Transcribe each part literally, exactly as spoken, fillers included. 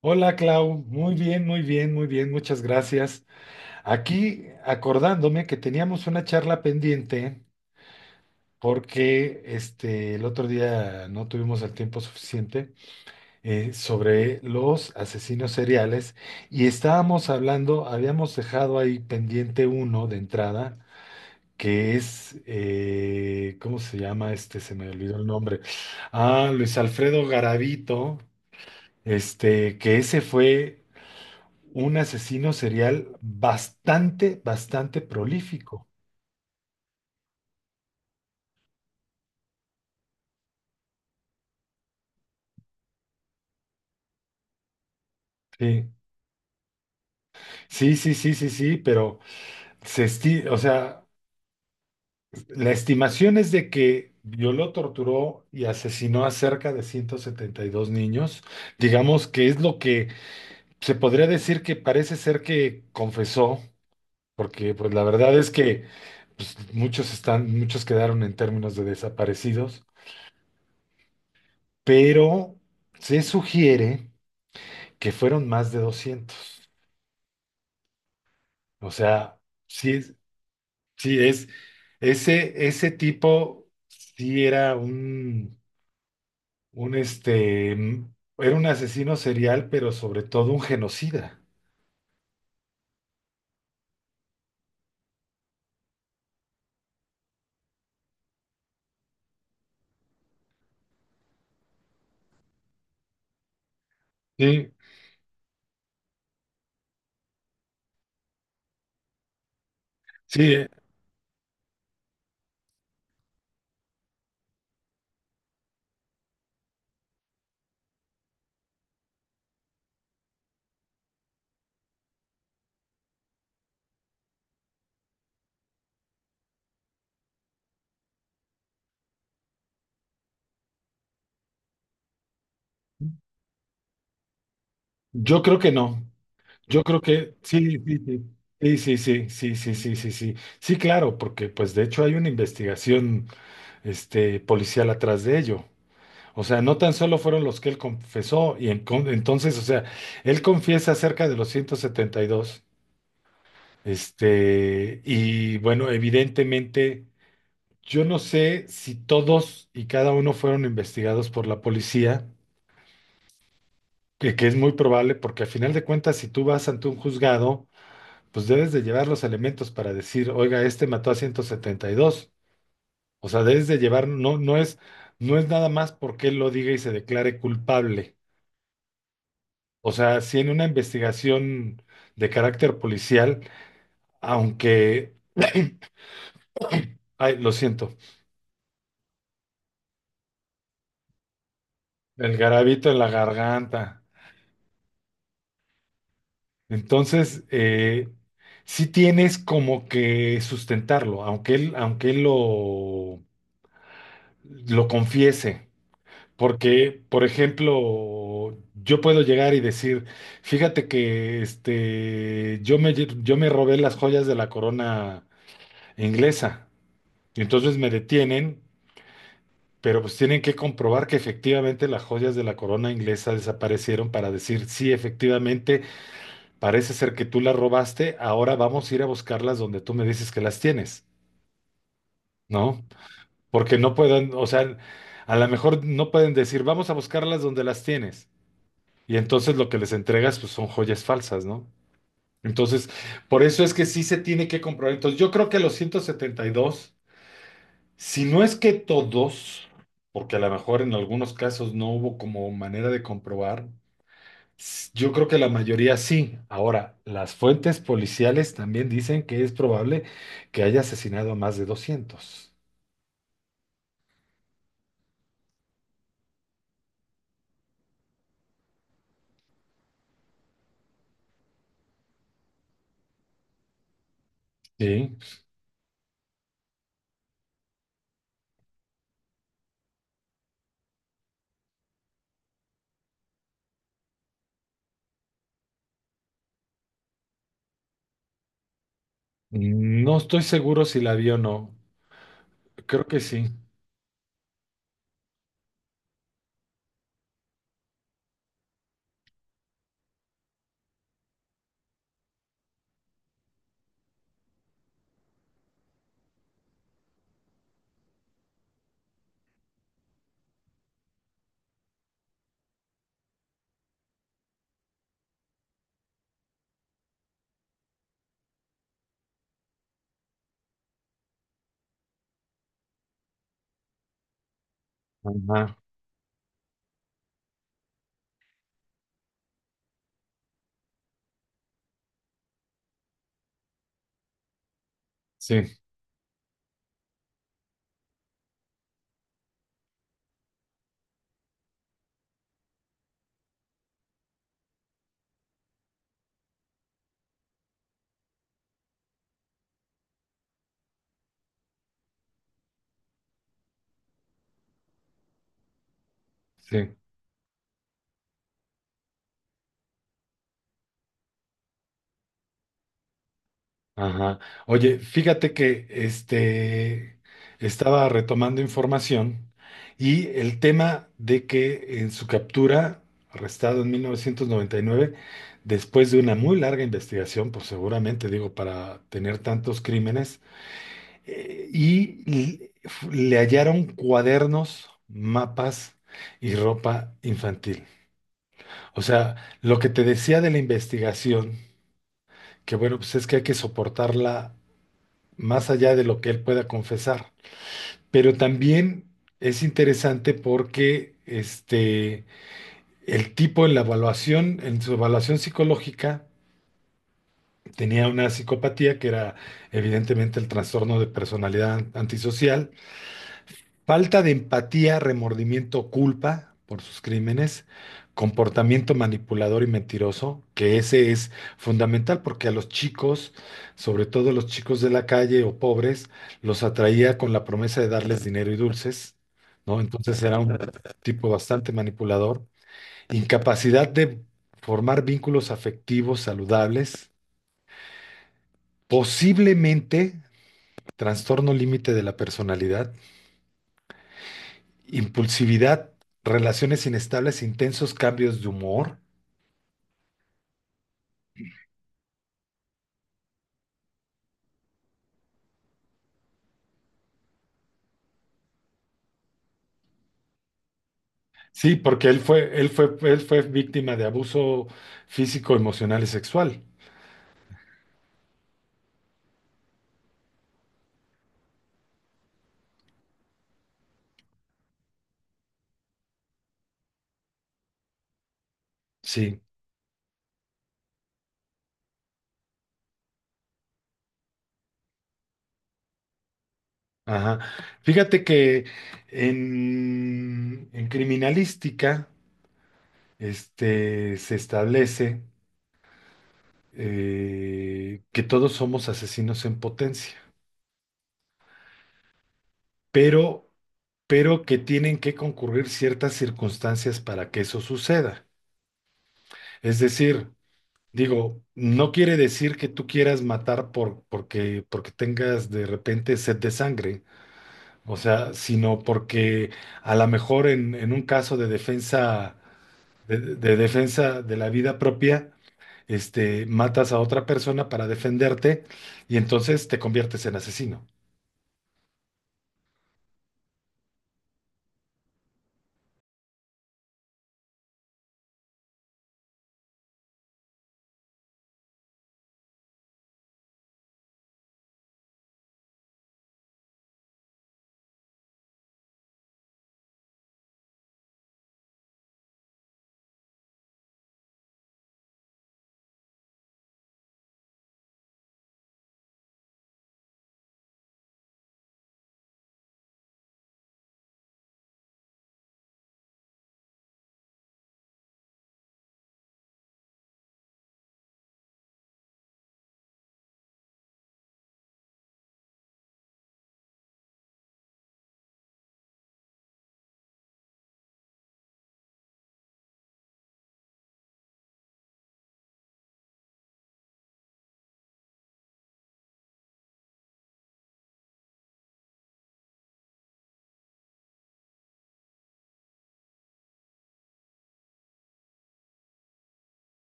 Hola Clau, muy bien, muy bien, muy bien, muchas gracias. Aquí acordándome que teníamos una charla pendiente porque este, el otro día no tuvimos el tiempo suficiente eh, sobre los asesinos seriales y estábamos hablando, habíamos dejado ahí pendiente uno de entrada, que es, eh, ¿cómo se llama este? Se me olvidó el nombre. Ah, Luis Alfredo Garavito, este, que ese fue un asesino serial bastante, bastante prolífico. Sí, sí, sí, sí, sí, sí, pero se esti- o sea, la estimación es de que violó, torturó y asesinó a cerca de ciento setenta y dos niños. Digamos que es lo que se podría decir que parece ser que confesó, porque pues la verdad es que pues, muchos están, muchos quedaron en términos de desaparecidos, pero se sugiere que fueron más de doscientos. O sea, sí, es- sí es, ese, ese tipo sí era un, un este, mm, era un asesino serial, pero sobre todo un genocida. Sí, sí, eh, yo creo que no. Yo creo que sí, sí, sí. Sí, sí, sí, sí, sí, sí, sí, sí. Sí, claro, porque pues de hecho hay una investigación este, policial atrás de ello. O sea, no tan solo fueron los que él confesó, y en- con- entonces, o sea, él confiesa acerca de los ciento setenta y dos. Este, y bueno, evidentemente, yo no sé si todos y cada uno fueron investigados por la policía, que, que es muy probable, porque a final de cuentas, si tú vas ante un juzgado, pues debes de llevar los elementos para decir, oiga, este mató a ciento setenta y dos. O sea, debes de llevar, no, no es, no es nada más porque él lo diga y se declare culpable. O sea, si en una investigación de carácter policial, aunque, ay, lo siento, el garabito en la garganta. Entonces, eh, sí tienes como que sustentarlo, aunque él, aunque él lo, lo confiese. Porque, por ejemplo, yo puedo llegar y decir, fíjate que este, yo me, lle- yo me robé las joyas de la corona inglesa. Y entonces me detienen, pero pues tienen que comprobar que efectivamente las joyas de la corona inglesa desaparecieron para decir, sí, efectivamente. Parece ser que tú las robaste, ahora vamos a ir a buscarlas donde tú me dices que las tienes, ¿no? Porque no pueden, o sea, a lo mejor no pueden decir, vamos a buscarlas donde las tienes. Y entonces lo que les entregas, pues son joyas falsas, ¿no? Entonces, por eso es que sí se tiene que comprobar. Entonces, yo creo que los ciento setenta y dos, si no es que todos, porque a lo mejor en algunos casos no hubo como manera de comprobar. Yo creo que la mayoría sí. Ahora, las fuentes policiales también dicen que es probable que haya asesinado a más de doscientos. Sí. No estoy seguro si la vio o no. Creo que sí. Ajá. Sí, sí. Ajá. Oye, fíjate que este estaba retomando información y el tema de que en su captura, arrestado en mil novecientos noventa y nueve después de una muy larga investigación, pues seguramente digo, para tener tantos crímenes, eh, y l- f- le hallaron cuadernos, mapas y ropa infantil. O sea, lo que te decía de la investigación, que bueno, pues es que hay que soportarla más allá de lo que él pueda confesar. Pero también es interesante porque este, el tipo en la evaluación, en su evaluación psicológica, tenía una psicopatía que era evidentemente el trastorno de personalidad antisocial. Falta de empatía, remordimiento, culpa por sus crímenes, comportamiento manipulador y mentiroso, que ese es fundamental porque a los chicos, sobre todo los chicos de la calle o pobres, los atraía con la promesa de darles dinero y dulces, ¿no? Entonces era un tipo bastante manipulador. Incapacidad de formar vínculos afectivos saludables, posiblemente trastorno límite de la personalidad, impulsividad, relaciones inestables, intensos cambios de humor. Sí, porque él fue, él fue, él fue víctima de abuso físico, emocional y sexual. Sí, ajá. Fíjate que en, en criminalística, este, se establece eh, que todos somos asesinos en potencia, pero, pero que tienen que concurrir ciertas circunstancias para que eso suceda. Es decir, digo, no quiere decir que tú quieras matar por, porque, porque tengas de repente sed de sangre, o sea, sino porque a lo mejor en, en un caso de defensa, de, de defensa de la vida propia, este, matas a otra persona para defenderte y entonces te conviertes en asesino.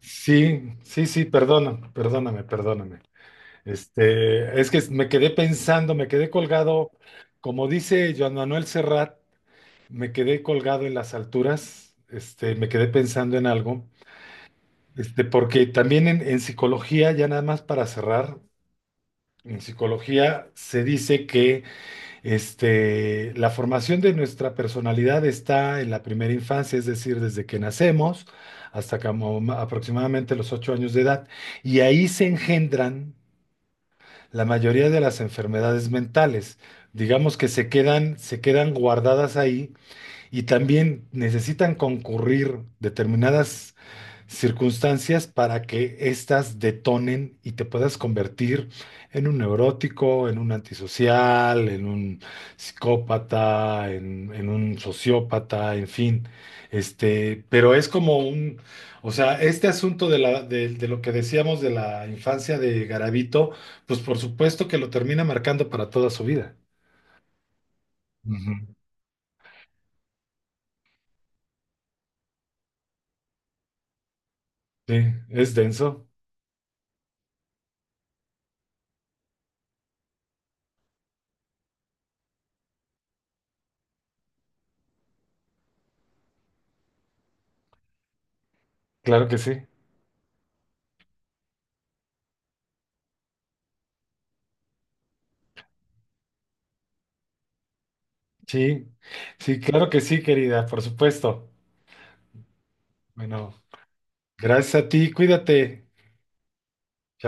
Sí, sí, sí, perdona, perdóname, perdóname. Este, es que me quedé pensando, me quedé colgado, como dice Joan Manuel Serrat. Me quedé colgado en las alturas, este, me quedé pensando en algo, este, porque también en, en psicología, ya nada más para cerrar, en psicología se dice que este, la formación de nuestra personalidad está en la primera infancia, es decir, desde que nacemos hasta como ma- aproximadamente los ocho años de edad, y ahí se engendran la mayoría de las enfermedades mentales. Digamos que se quedan, se quedan guardadas ahí. Y también necesitan concurrir determinadas circunstancias para que éstas detonen y te puedas convertir en un neurótico, en un antisocial, en un psicópata, en, en un sociópata, en fin. Este, pero es como un, o sea, este asunto de la, de, de lo que decíamos de la infancia de Garavito, pues por supuesto que lo termina marcando para toda su vida. Ujú. Sí, es denso, claro que sí. Sí, sí, claro que sí, querida, por supuesto. Bueno, gracias a ti, cuídate.